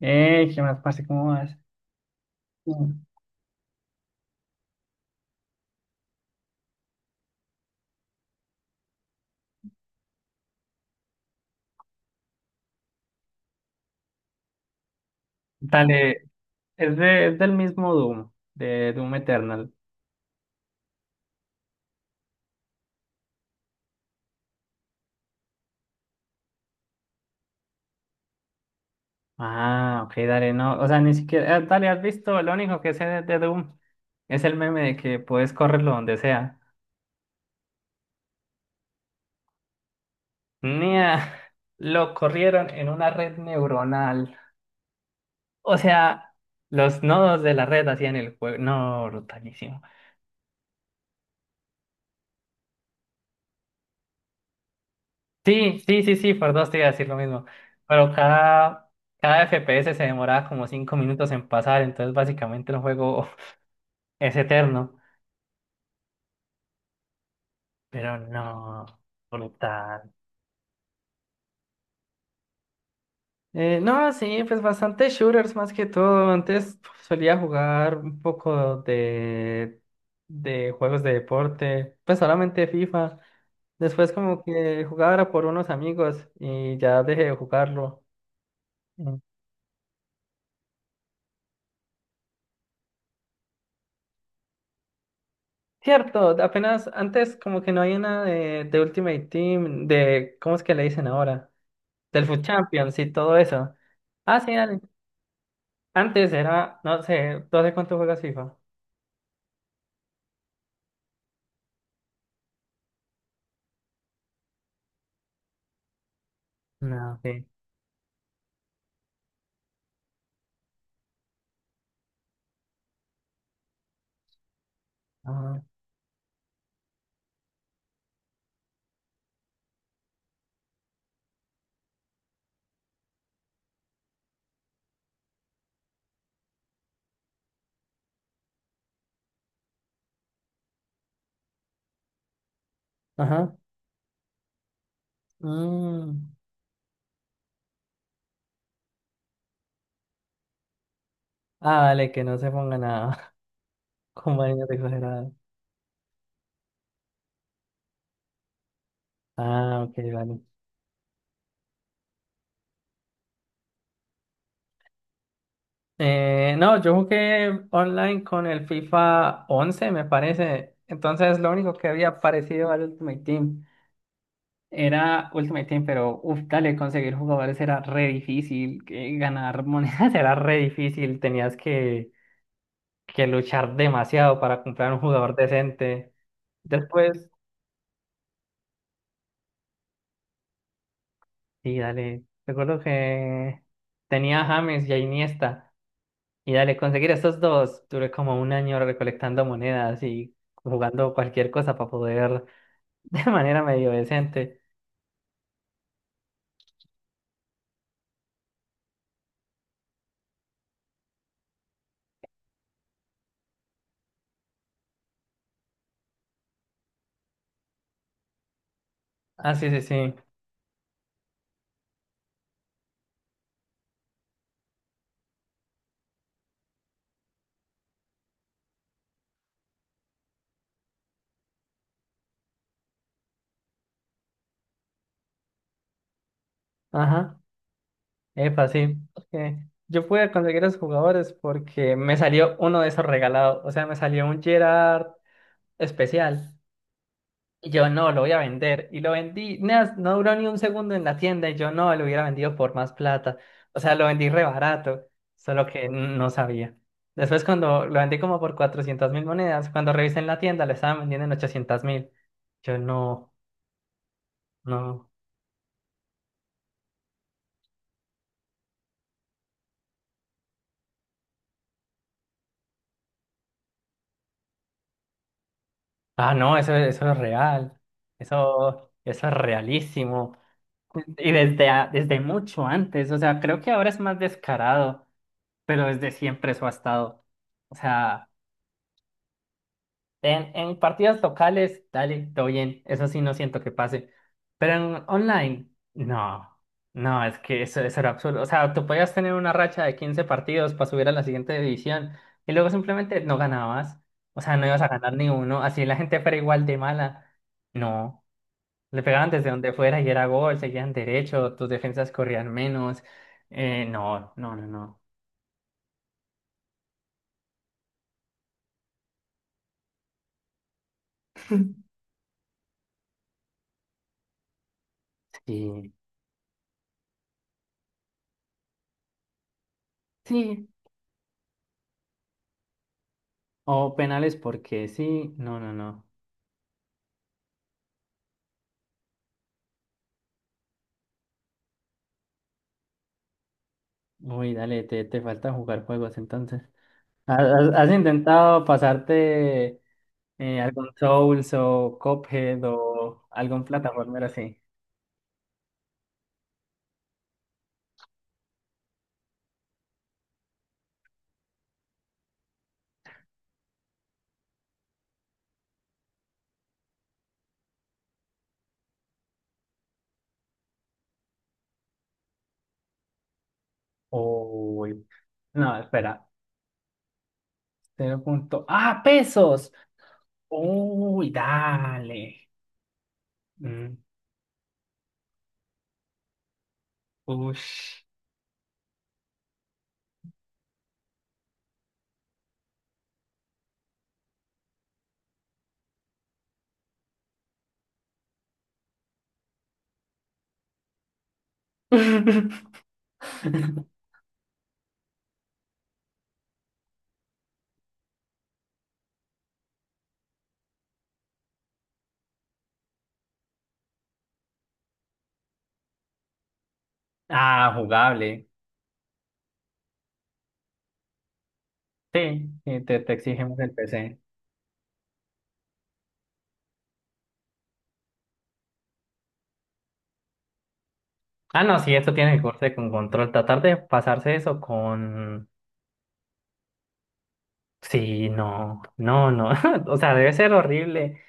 ¿Qué más, parce? ¿Cómo vas? Mm. Dale, es del mismo Doom, de Doom Eternal. Ah, ok, dale, no, o sea, ni siquiera, dale, has visto, lo único que sé de Doom es el meme de que puedes correrlo donde sea. Nia, lo corrieron en una red neuronal. O sea, los nodos de la red hacían el juego. No, brutalísimo. Sí, sí, sí, sí, por dos te iba a decir lo mismo. Pero cada FPS se demoraba como cinco minutos en pasar, entonces básicamente el juego es eterno. Pero no, brutal. No, sí, pues bastante shooters más que todo. Antes solía jugar un poco de juegos de deporte, pues solamente FIFA. Después como que jugaba era por unos amigos y ya dejé de jugarlo. Cierto, apenas antes como que no hay una de Ultimate Team, de, ¿cómo es que le dicen ahora? Del Food Champions y todo eso. Ah, sí, dale. Antes era, no sé, ¿tú hace cuánto juegas FIFA? No, sí. Ajá. Ajá. Mm. Ah, vale, que no se ponga nada. Como niños exagerados. Ah, ok, vale. No, yo jugué online con el FIFA 11 me parece. Entonces, lo único que había parecido al Ultimate Team. Era Ultimate Team, pero uf, dale, conseguir jugadores era re difícil, que ganar monedas era re difícil, tenías que luchar demasiado para comprar un jugador decente. Después, sí, dale, recuerdo que tenía a James y a Iniesta, y dale, conseguir esos dos, duré como un año recolectando monedas y jugando cualquier cosa para poder de manera medio decente. Ah, sí, sí, sí. Ajá. Epa, sí, porque yo pude conseguir a esos jugadores porque me salió uno de esos regalados. O sea, me salió un Gerard especial. Y yo no, lo voy a vender. Y lo vendí. No, no duró ni un segundo en la tienda. Y yo no, lo hubiera vendido por más plata. O sea, lo vendí re barato. Solo que no sabía. Después, cuando lo vendí como por 400 mil monedas, cuando revisé en la tienda, lo estaban vendiendo en 800 mil. Yo no, no. Ah, no, eso es real. Eso es realísimo. Y desde, desde mucho antes, o sea, creo que ahora es más descarado, pero desde siempre eso ha estado. O sea, en partidas locales, dale, todo bien, eso sí no siento que pase. Pero en online, no, no, es que eso era absurdo. O sea, tú podías tener una racha de 15 partidos para subir a la siguiente división y luego simplemente no ganabas. O sea, no ibas a ganar ni uno, así la gente fuera igual de mala. No. Le pegaban desde donde fuera y era gol, seguían derecho, tus defensas corrían menos. No, no, no, no. Sí, sí. O penales porque sí, no, no, no. Uy, dale, te falta jugar juegos entonces. ¿Has intentado pasarte algún Souls o Cuphead o algún plataformero así? Uy, no, espera. Cero punto. ¡Ah, pesos! Uy, dale. Mm, ush. Ah, jugable. Sí, sí, te exigimos el PC. Ah, no, sí, esto tiene que corte con control. Tratar de pasarse eso con... Sí, no, no, no. O sea, debe ser horrible.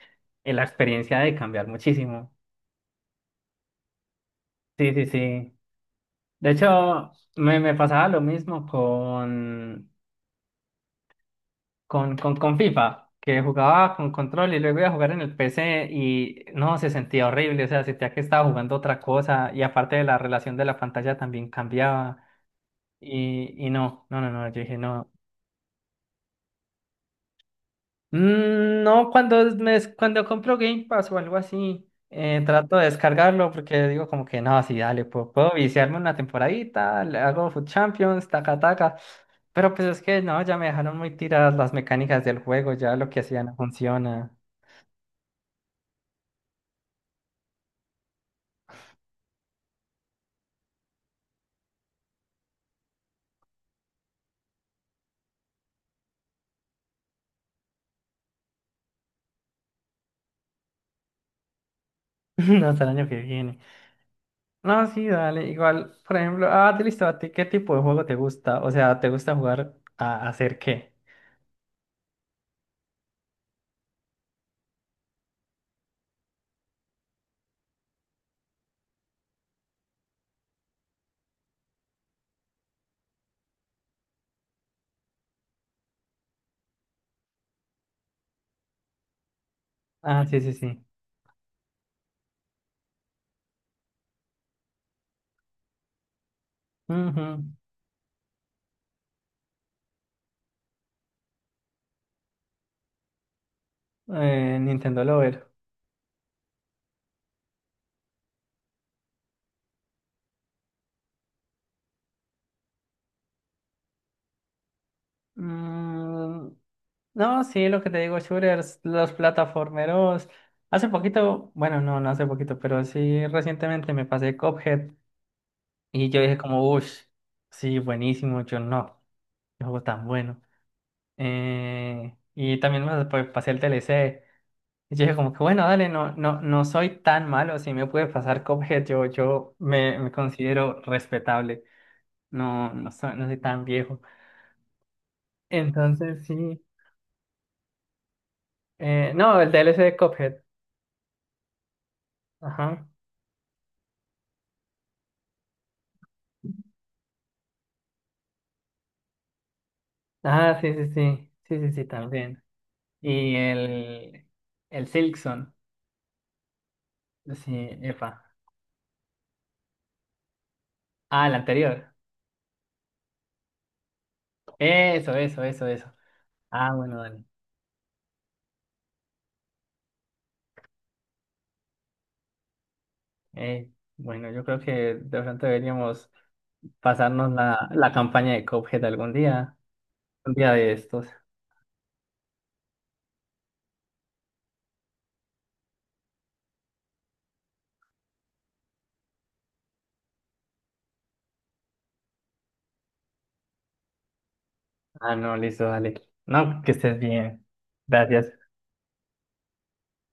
La experiencia de cambiar muchísimo. Sí, sí, sí. De hecho, me pasaba lo mismo con FIFA, que jugaba con control y luego iba a jugar en el PC y no, se sentía horrible. O sea, sentía que estaba jugando otra cosa y aparte de la relación de la pantalla también cambiaba. Y no, no, no, no, yo dije no. Mm, no, cuando me, cuando compro Game Pass o algo así, trato de descargarlo porque digo como que no, sí, dale, puedo, puedo viciarme una temporadita, le hago Food Champions, taca, taca. Pero pues es que no, ya me dejaron muy tiradas las mecánicas del juego, ya lo que hacía no funciona. No, hasta el año que viene. No, sí, dale, igual, por ejemplo, ah, te listo, ¿a ti qué tipo de juego te gusta? O sea, ¿te gusta jugar a hacer qué? Ah, sí, sí, sí. Ujú. Nintendo Lover. Mm, no, sí, lo que te digo, shooters, los plataformeros. Hace poquito, bueno, no, no hace poquito, pero sí recientemente me pasé Cuphead y yo dije como, uff, sí, buenísimo, yo no, qué juego tan bueno. Y también pasé el DLC. Y yo dije como que, bueno, dale, no, no, no soy tan malo, si me puede pasar Cuphead, yo, yo me considero respetable, no, no soy, no soy tan viejo. Entonces sí. No, el DLC de Cuphead. Ajá. Ah, sí, sí, sí. Sí, sí, sí, también. Y el Silksong. Sí, epa. Ah, el anterior. Eso, eso, eso, eso. Ah, bueno, dale. Eh, bueno, yo creo que de pronto deberíamos pasarnos la campaña de Cuphead algún día. Un día de estos. Ah, no, listo, dale. No, que estés bien. Gracias.